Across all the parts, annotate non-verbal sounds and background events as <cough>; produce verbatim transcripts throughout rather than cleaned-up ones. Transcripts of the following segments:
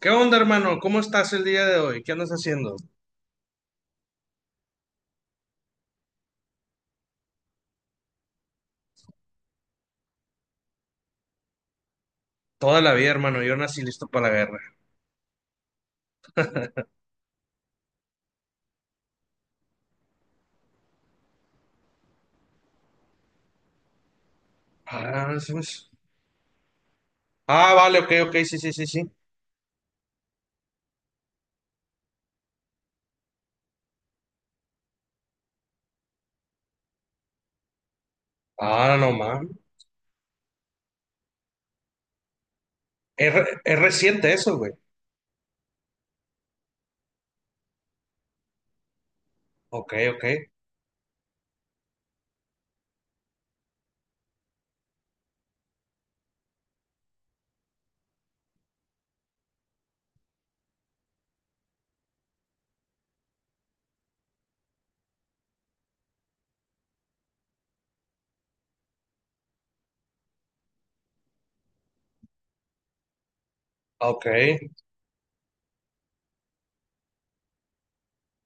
¿Qué onda, hermano? ¿Cómo estás el día de hoy? ¿Qué andas haciendo? Toda la vida, hermano. Yo nací listo para la guerra. Ah, eso es- Ah, vale, ok, ok, sí, sí, sí, sí. Ah, no mames. Es, re- es reciente eso, güey. Ok, ok, ok.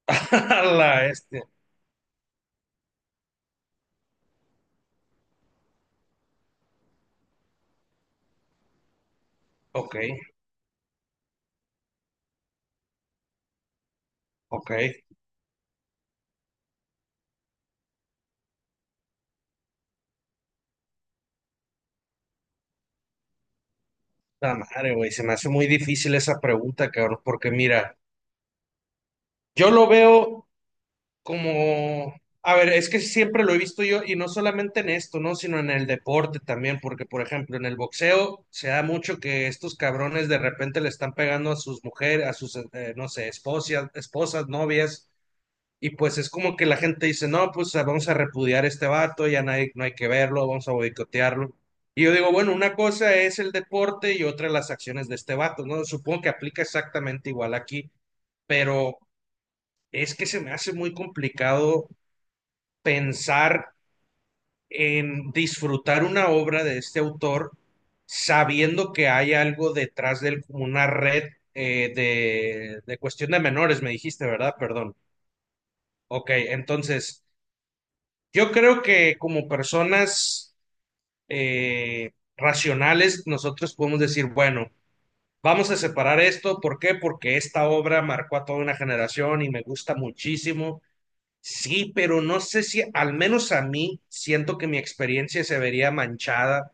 <laughs> A la este. Ok, ok. La madre, güey. Se me hace muy difícil esa pregunta, cabrón, porque mira, yo lo veo, como, a ver, es que siempre lo he visto yo y no solamente en esto, ¿no? Sino en el deporte también, porque por ejemplo en el boxeo se da mucho que estos cabrones de repente le están pegando a sus mujeres, a sus, eh, no sé, esposas, esposas, novias, y pues es como que la gente dice, no, pues ah, vamos a repudiar a este vato, ya no hay, no hay que verlo, vamos a boicotearlo. Y yo digo, bueno, una cosa es el deporte y otra las acciones de este vato, ¿no? Supongo que aplica exactamente igual aquí, pero es que se me hace muy complicado pensar en disfrutar una obra de este autor sabiendo que hay algo detrás de él, como una red eh, de, de cuestión de menores, me dijiste, ¿verdad? Perdón. Ok, entonces, yo creo que como personas eh, racionales, nosotros podemos decir, bueno, vamos a separar esto. ¿Por qué? Porque esta obra marcó a toda una generación y me gusta muchísimo. Sí, pero no sé si, al menos a mí, siento que mi experiencia se vería manchada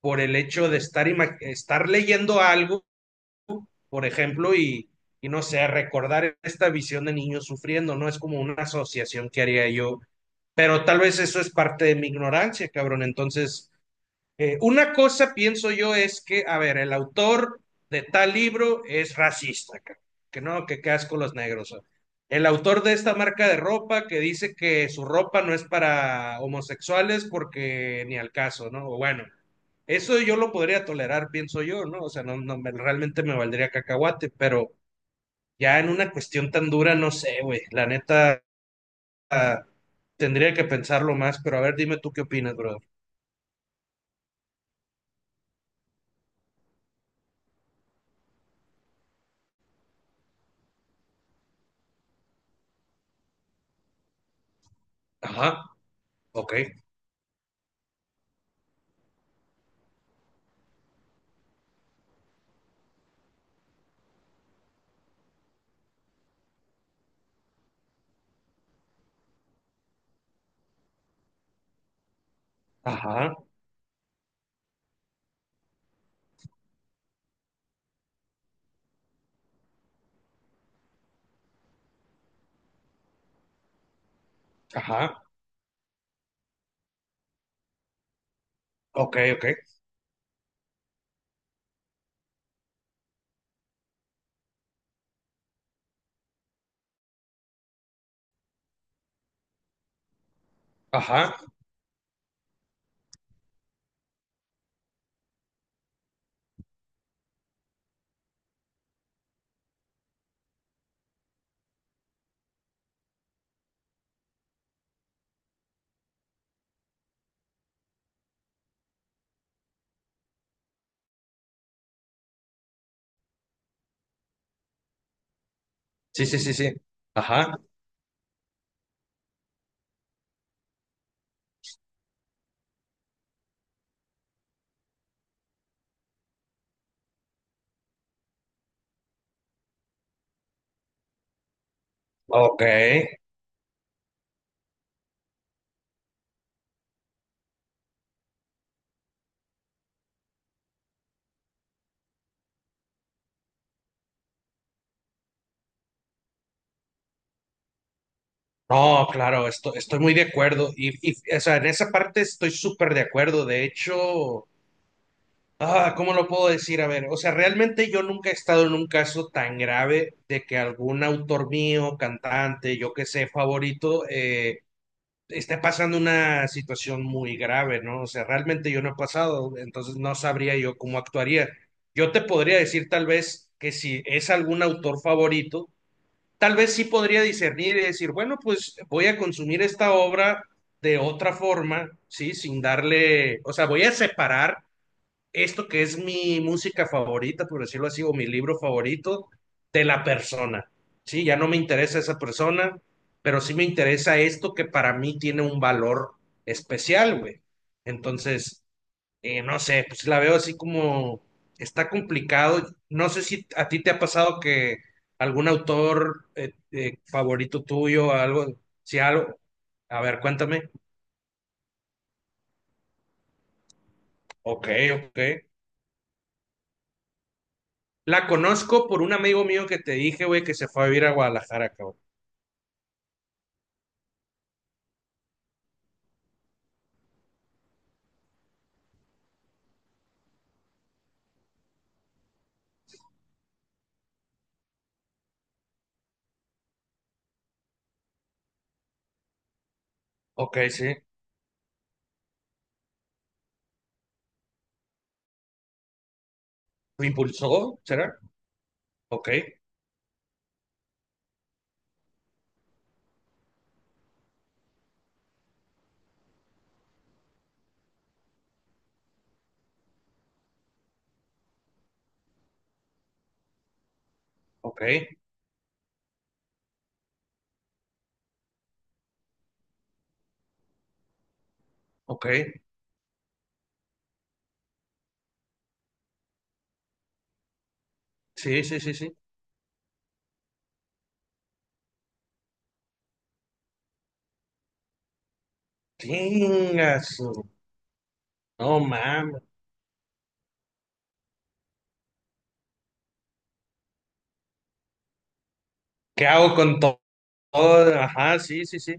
por el hecho de estar, ima- estar leyendo algo, por ejemplo, y, y no sé, recordar esta visión de niños sufriendo, ¿no? Es como una asociación que haría yo, pero tal vez eso es parte de mi ignorancia, cabrón. Entonces, eh, una cosa pienso yo es que, a ver, el autor de tal libro es racista, ca- que no, que qué asco los negros. O. El autor de esta marca de ropa que dice que su ropa no es para homosexuales porque ni al caso, ¿no? O bueno, eso yo lo podría tolerar, pienso yo, ¿no? O sea, no, no me- realmente me valdría cacahuate, pero ya en una cuestión tan dura, no sé, güey. La neta, ah, tendría que pensarlo más, pero a ver, dime tú qué opinas, brother. Ajá, ok, ajá. Ajá. Ok, ok. Ajá. Sí, sí, sí, sí. Ajá. Ok. No, claro, esto, estoy muy de acuerdo. Y, y, o sea, en esa parte estoy súper de acuerdo. De hecho, ah, ¿cómo lo puedo decir? A ver, o sea, realmente yo nunca he estado en un caso tan grave de que algún autor mío, cantante, yo que sé, favorito, eh, está pasando una situación muy grave, ¿no? O sea, realmente yo no he pasado, entonces no sabría yo cómo actuaría. Yo te podría decir tal vez que si es algún autor favorito, tal vez sí podría discernir y decir, bueno, pues voy a consumir esta obra de otra forma, ¿sí? Sin darle, o sea, voy a separar esto que es mi música favorita, por decirlo así, o mi libro favorito, de la persona. Sí, ya no me interesa esa persona, pero sí me interesa esto que para mí tiene un valor especial, güey. Entonces, eh, no sé, pues la veo así como está complicado. No sé si a ti te ha pasado que algún autor eh, eh, favorito tuyo, algo, si algo, a ver, cuéntame. Ok, ok. La conozco por un amigo mío que te dije, güey, que se fue a vivir a Guadalajara, cabrón. Ok, sí. ¿Lo impulsó? ¿Será? Ok, ok, ok. Sí, sí, sí, sí. Chingas. No mames. ¿Qué hago con to- todo? Ajá, sí, sí, sí.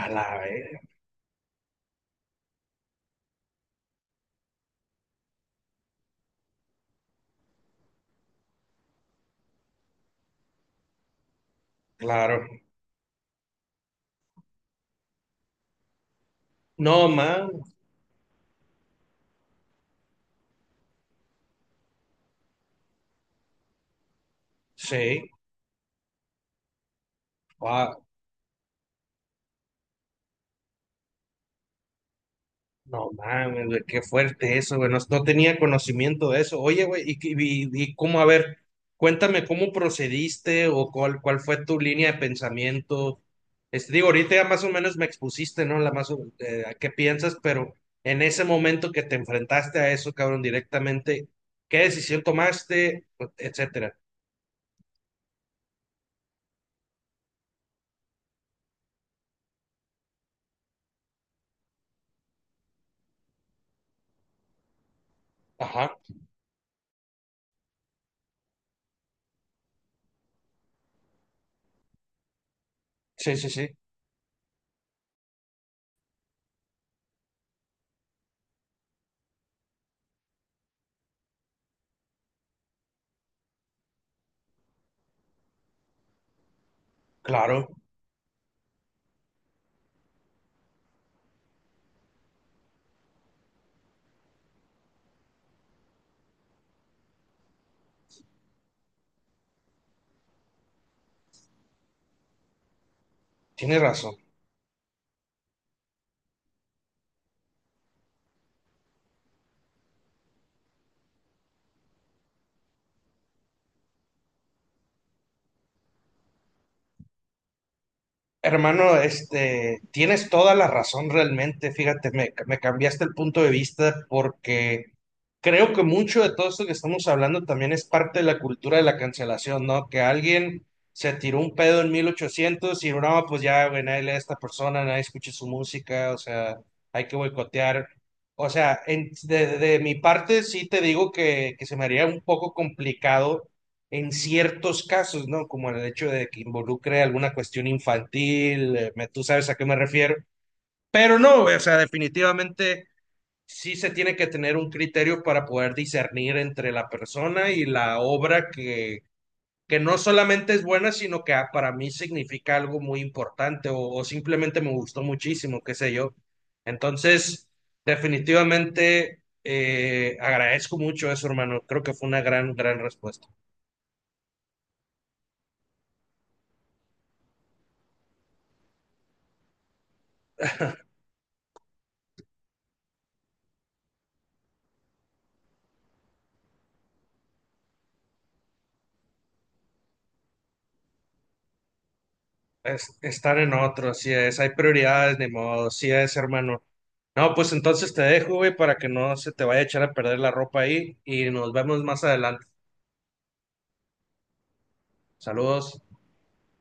A la vez, claro. No mames. Sí. No mames, güey, qué fuerte eso, güey. No, no tenía conocimiento de eso. Oye, güey, y, y, y cómo, a ver, cuéntame cómo procediste o cuál, cuál fue tu línea de pensamiento. Este, digo, ahorita ya más o menos me expusiste, ¿no? La más o- eh, a qué piensas, pero en ese momento que te enfrentaste a eso, cabrón, directamente, ¿qué decisión tomaste? Etcétera. Ajá. Sí, sí, sí. Claro. Tienes razón. Hermano, este, tienes toda la razón realmente. Fíjate, me, me cambiaste el punto de vista porque creo que mucho de todo esto que estamos hablando también es parte de la cultura de la cancelación, ¿no? Que alguien se tiró un pedo en mil ochocientos y no, pues ya, güey, nadie lee a esta persona, nadie escucha su música, o sea, hay que boicotear. O sea, en- de, de mi parte sí te digo que, que se me haría un poco complicado en ciertos casos, ¿no? Como el hecho de que involucre alguna cuestión infantil, eh, me- tú sabes a qué me refiero. Pero no, o sea, definitivamente sí se tiene que tener un criterio para poder discernir entre la persona y la obra que, que no solamente es buena, sino que ah, para mí significa algo muy importante o, o simplemente me gustó muchísimo, qué sé yo. Entonces, definitivamente eh, agradezco mucho eso, hermano. Creo que fue una gran, gran respuesta. Es- estar en otro, así es, hay prioridades, ni modo, así es, hermano. No, pues entonces te dejo, güey, para que no se te vaya a echar a perder la ropa ahí y nos vemos más adelante. Saludos.